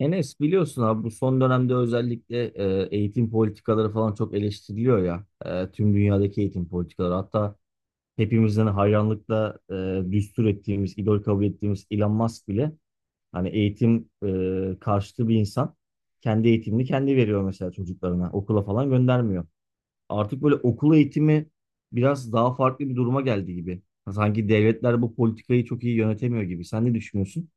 Enes, biliyorsun abi, bu son dönemde özellikle eğitim politikaları falan çok eleştiriliyor ya. Tüm dünyadaki eğitim politikaları. Hatta hepimizden hayranlıkla düstur ettiğimiz, idol kabul ettiğimiz Elon Musk bile hani eğitim karşıtı bir insan. Kendi eğitimini kendi veriyor mesela çocuklarına. Okula falan göndermiyor. Artık böyle okul eğitimi biraz daha farklı bir duruma geldi gibi. Sanki devletler bu politikayı çok iyi yönetemiyor gibi. Sen ne düşünüyorsun?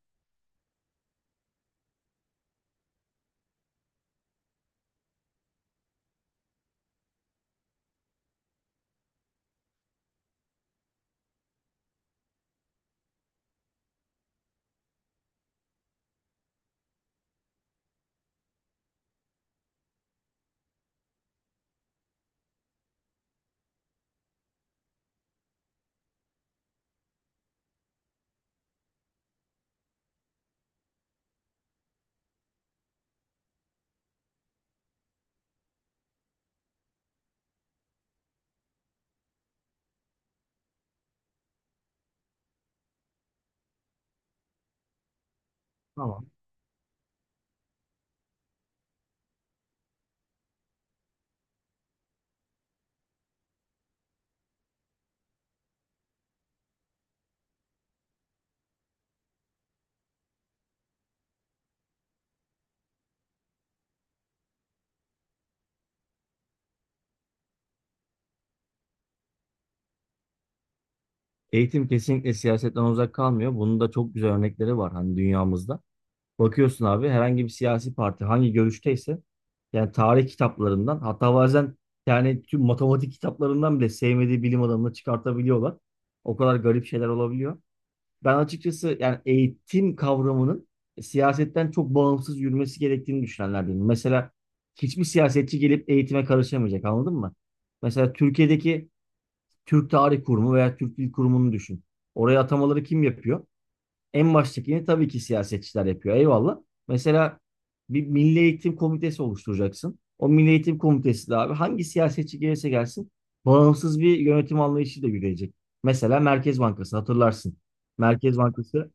Eğitim kesinlikle siyasetten uzak kalmıyor. Bunun da çok güzel örnekleri var hani dünyamızda. Bakıyorsun abi, herhangi bir siyasi parti hangi görüşteyse yani tarih kitaplarından, hatta bazen yani tüm matematik kitaplarından bile sevmediği bilim adamını çıkartabiliyorlar. O kadar garip şeyler olabiliyor. Ben açıkçası yani eğitim kavramının siyasetten çok bağımsız yürümesi gerektiğini düşünenlerdenim. Mesela hiçbir siyasetçi gelip eğitime karışamayacak, anladın mı? Mesela Türkiye'deki Türk Tarih Kurumu veya Türk Dil Kurumu'nu düşün. Oraya atamaları kim yapıyor? En baştakini tabii ki siyasetçiler yapıyor. Eyvallah. Mesela bir Milli Eğitim Komitesi oluşturacaksın. O Milli Eğitim Komitesi de abi hangi siyasetçi gelirse gelsin bağımsız bir yönetim anlayışıyla yürüyecek. Mesela Merkez Bankası hatırlarsın. Merkez Bankası.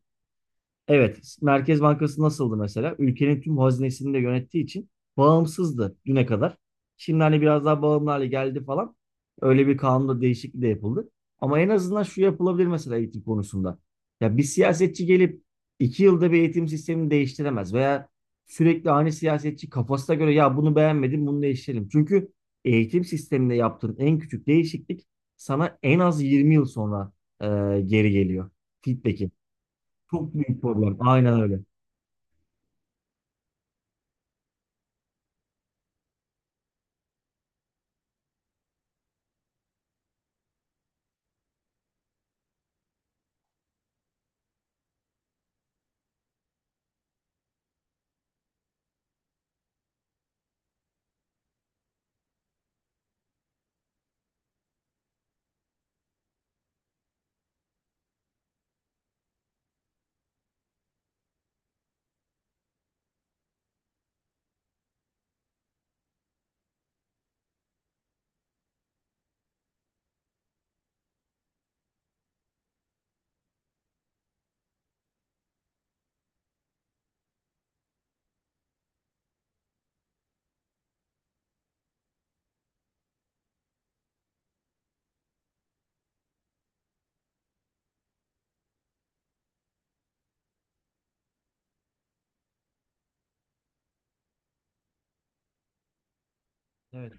Evet, Merkez Bankası nasıldı mesela? Ülkenin tüm hazinesini de yönettiği için bağımsızdı düne kadar. Şimdi hani biraz daha bağımlı hale geldi falan. Öyle bir kanunda değişiklik de yapıldı. Ama en azından şu yapılabilir mesela eğitim konusunda. Ya bir siyasetçi gelip 2 yılda bir eğitim sistemini değiştiremez veya sürekli aynı siyasetçi kafasına göre ya bunu beğenmedim, bunu değiştirelim. Çünkü eğitim sisteminde yaptığın en küçük değişiklik sana en az 20 yıl sonra e, geri geliyor feedback'i. Çok büyük problem. Aynen öyle. Evet.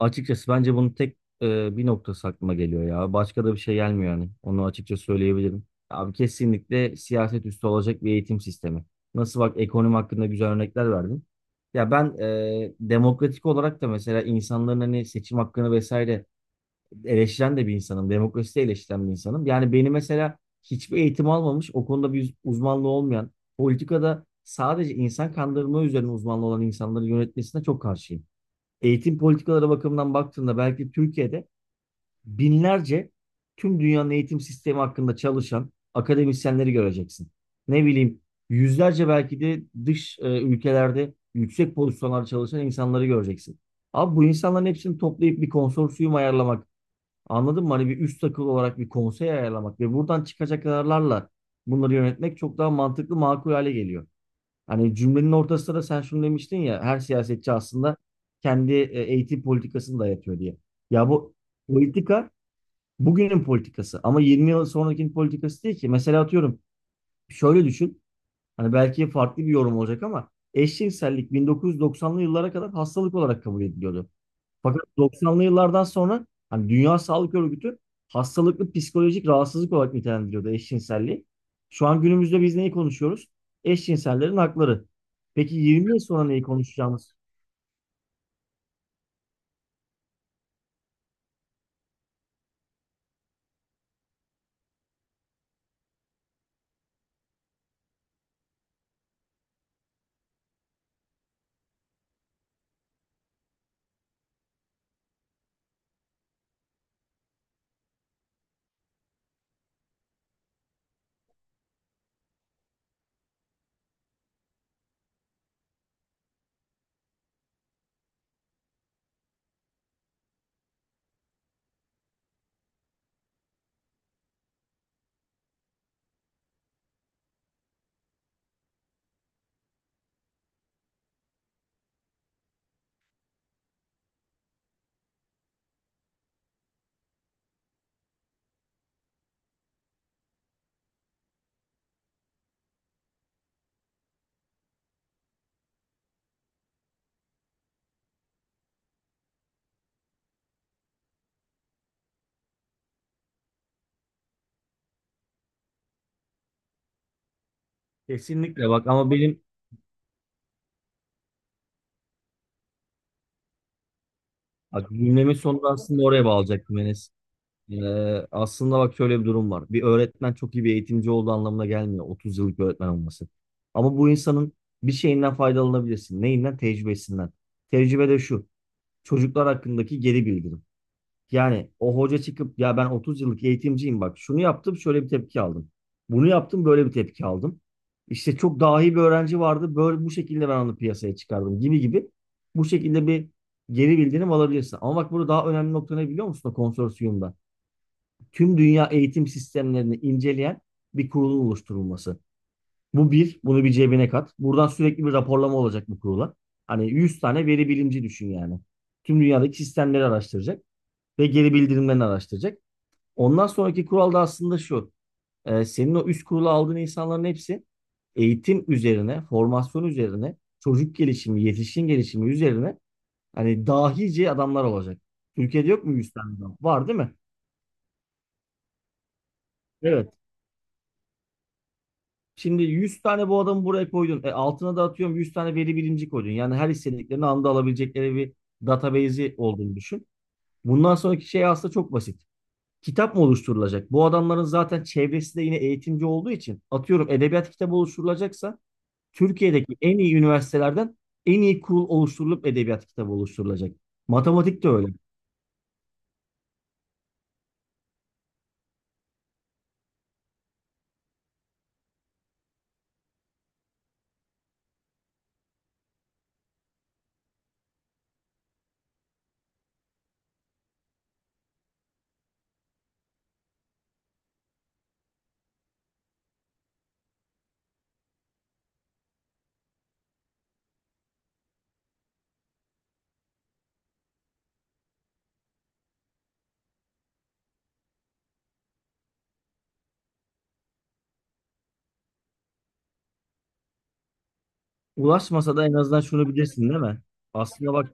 Açıkçası bence bunun tek bir noktası aklıma geliyor ya. Başka da bir şey gelmiyor yani. Onu açıkça söyleyebilirim. Abi kesinlikle siyaset üstü olacak bir eğitim sistemi. Nasıl bak, ekonomi hakkında güzel örnekler verdin. Ya ben demokratik olarak da mesela insanların hani seçim hakkını vesaire eleştiren de bir insanım. Demokrasi de eleştiren bir insanım. Yani beni mesela hiçbir eğitim almamış, o konuda bir uzmanlığı olmayan, politikada sadece insan kandırma üzerine uzmanlı olan insanları yönetmesine çok karşıyım. Eğitim politikaları bakımından baktığında belki Türkiye'de binlerce tüm dünyanın eğitim sistemi hakkında çalışan akademisyenleri göreceksin. Ne bileyim, yüzlerce belki de dış ülkelerde yüksek pozisyonlarda çalışan insanları göreceksin. Abi bu insanların hepsini toplayıp bir konsorsiyum ayarlamak, anladın mı? Hani bir üst akıl olarak bir konsey ayarlamak ve buradan çıkacak kararlarla bunları yönetmek çok daha mantıklı, makul hale geliyor. Hani cümlenin ortasında da sen şunu demiştin ya, her siyasetçi aslında kendi eğitim politikasını dayatıyor diye. Ya bu politika bugünün politikası ama 20 yıl sonrakinin politikası değil ki. Mesela atıyorum, şöyle düşün. Hani belki farklı bir yorum olacak ama eşcinsellik 1990'lı yıllara kadar hastalık olarak kabul ediliyordu. Fakat 90'lı yıllardan sonra hani Dünya Sağlık Örgütü hastalıklı psikolojik rahatsızlık olarak nitelendiriyordu eşcinselliği. Şu an günümüzde biz neyi konuşuyoruz? Eşcinsellerin hakları. Peki 20 yıl sonra neyi konuşacağımız? Kesinlikle bak, ama benim, bak cümlemin sonunda aslında oraya bağlayacaktım Enes. Ee, Aslında bak, şöyle bir durum var. Bir öğretmen çok iyi bir eğitimci olduğu anlamına gelmiyor 30 yıllık öğretmen olması. Ama bu insanın bir şeyinden faydalanabilirsin. Neyinden? Tecrübesinden. Tecrübe de şu. Çocuklar hakkındaki geri bildirim. Yani o hoca çıkıp ya ben 30 yıllık eğitimciyim, bak şunu yaptım, şöyle bir tepki aldım. Bunu yaptım, böyle bir tepki aldım. İşte çok dahi bir öğrenci vardı böyle, bu şekilde ben onu piyasaya çıkardım gibi gibi. Bu şekilde bir geri bildirim alabilirsin. Ama bak, burada daha önemli nokta ne biliyor musun o konsorsiyumda? Tüm dünya eğitim sistemlerini inceleyen bir kurulun oluşturulması. Bunu bir cebine kat. Buradan sürekli bir raporlama olacak bu kurula. Hani 100 tane veri bilimci düşün yani. Tüm dünyadaki sistemleri araştıracak ve geri bildirimlerini araştıracak. Ondan sonraki kural da aslında şu. Senin o üst kurula aldığın insanların hepsi eğitim üzerine, formasyon üzerine, çocuk gelişimi, yetişkin gelişimi üzerine hani dahice adamlar olacak. Türkiye'de yok mu 100 tane adam? Var değil mi? Evet. Şimdi 100 tane bu adamı buraya koydun. Altına da atıyorum 100 tane veri bilimci koydun. Yani her istediklerini anda alabilecekleri bir database'i olduğunu düşün. Bundan sonraki şey aslında çok basit. Kitap mı oluşturulacak? Bu adamların zaten çevresi de yine eğitimci olduğu için atıyorum edebiyat kitabı oluşturulacaksa Türkiye'deki en iyi üniversitelerden en iyi kurul oluşturulup edebiyat kitabı oluşturulacak. Matematik de öyle. Ulaşmasa da en azından şunu bilirsin değil mi? Aslına bak.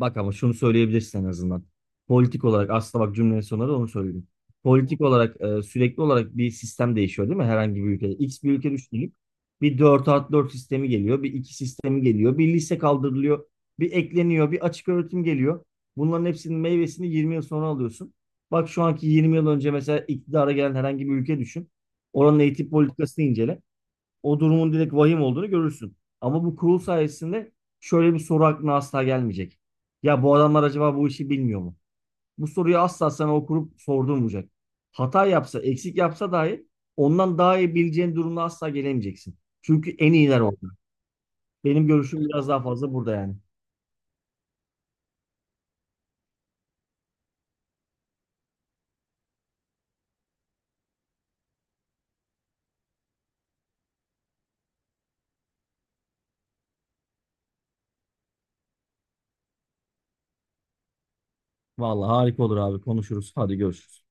Bak ama şunu söyleyebilirsin en azından. Politik olarak aslında bak, cümlenin sonunda da onu söyledim. Politik olarak sürekli olarak bir sistem değişiyor değil mi? Herhangi bir ülkede. X bir ülke düşünüp bir 4 artı 4 sistemi geliyor. Bir 2 sistemi geliyor. Bir lise kaldırılıyor. Bir ekleniyor. Bir açık öğretim geliyor. Bunların hepsinin meyvesini 20 yıl sonra alıyorsun. Bak şu anki 20 yıl önce mesela iktidara gelen herhangi bir ülke düşün. Oranın eğitim politikasını incele, o durumun direkt vahim olduğunu görürsün. Ama bu kurul sayesinde şöyle bir soru aklına asla gelmeyecek. Ya bu adamlar acaba bu işi bilmiyor mu? Bu soruyu asla sana o kurup sordurmayacak. Hata yapsa, eksik yapsa dahi ondan daha iyi bileceğin durumda asla gelemeyeceksin. Çünkü en iyiler orada. Benim görüşüm biraz daha fazla burada yani. Vallahi harika olur abi, konuşuruz. Hadi görüşürüz.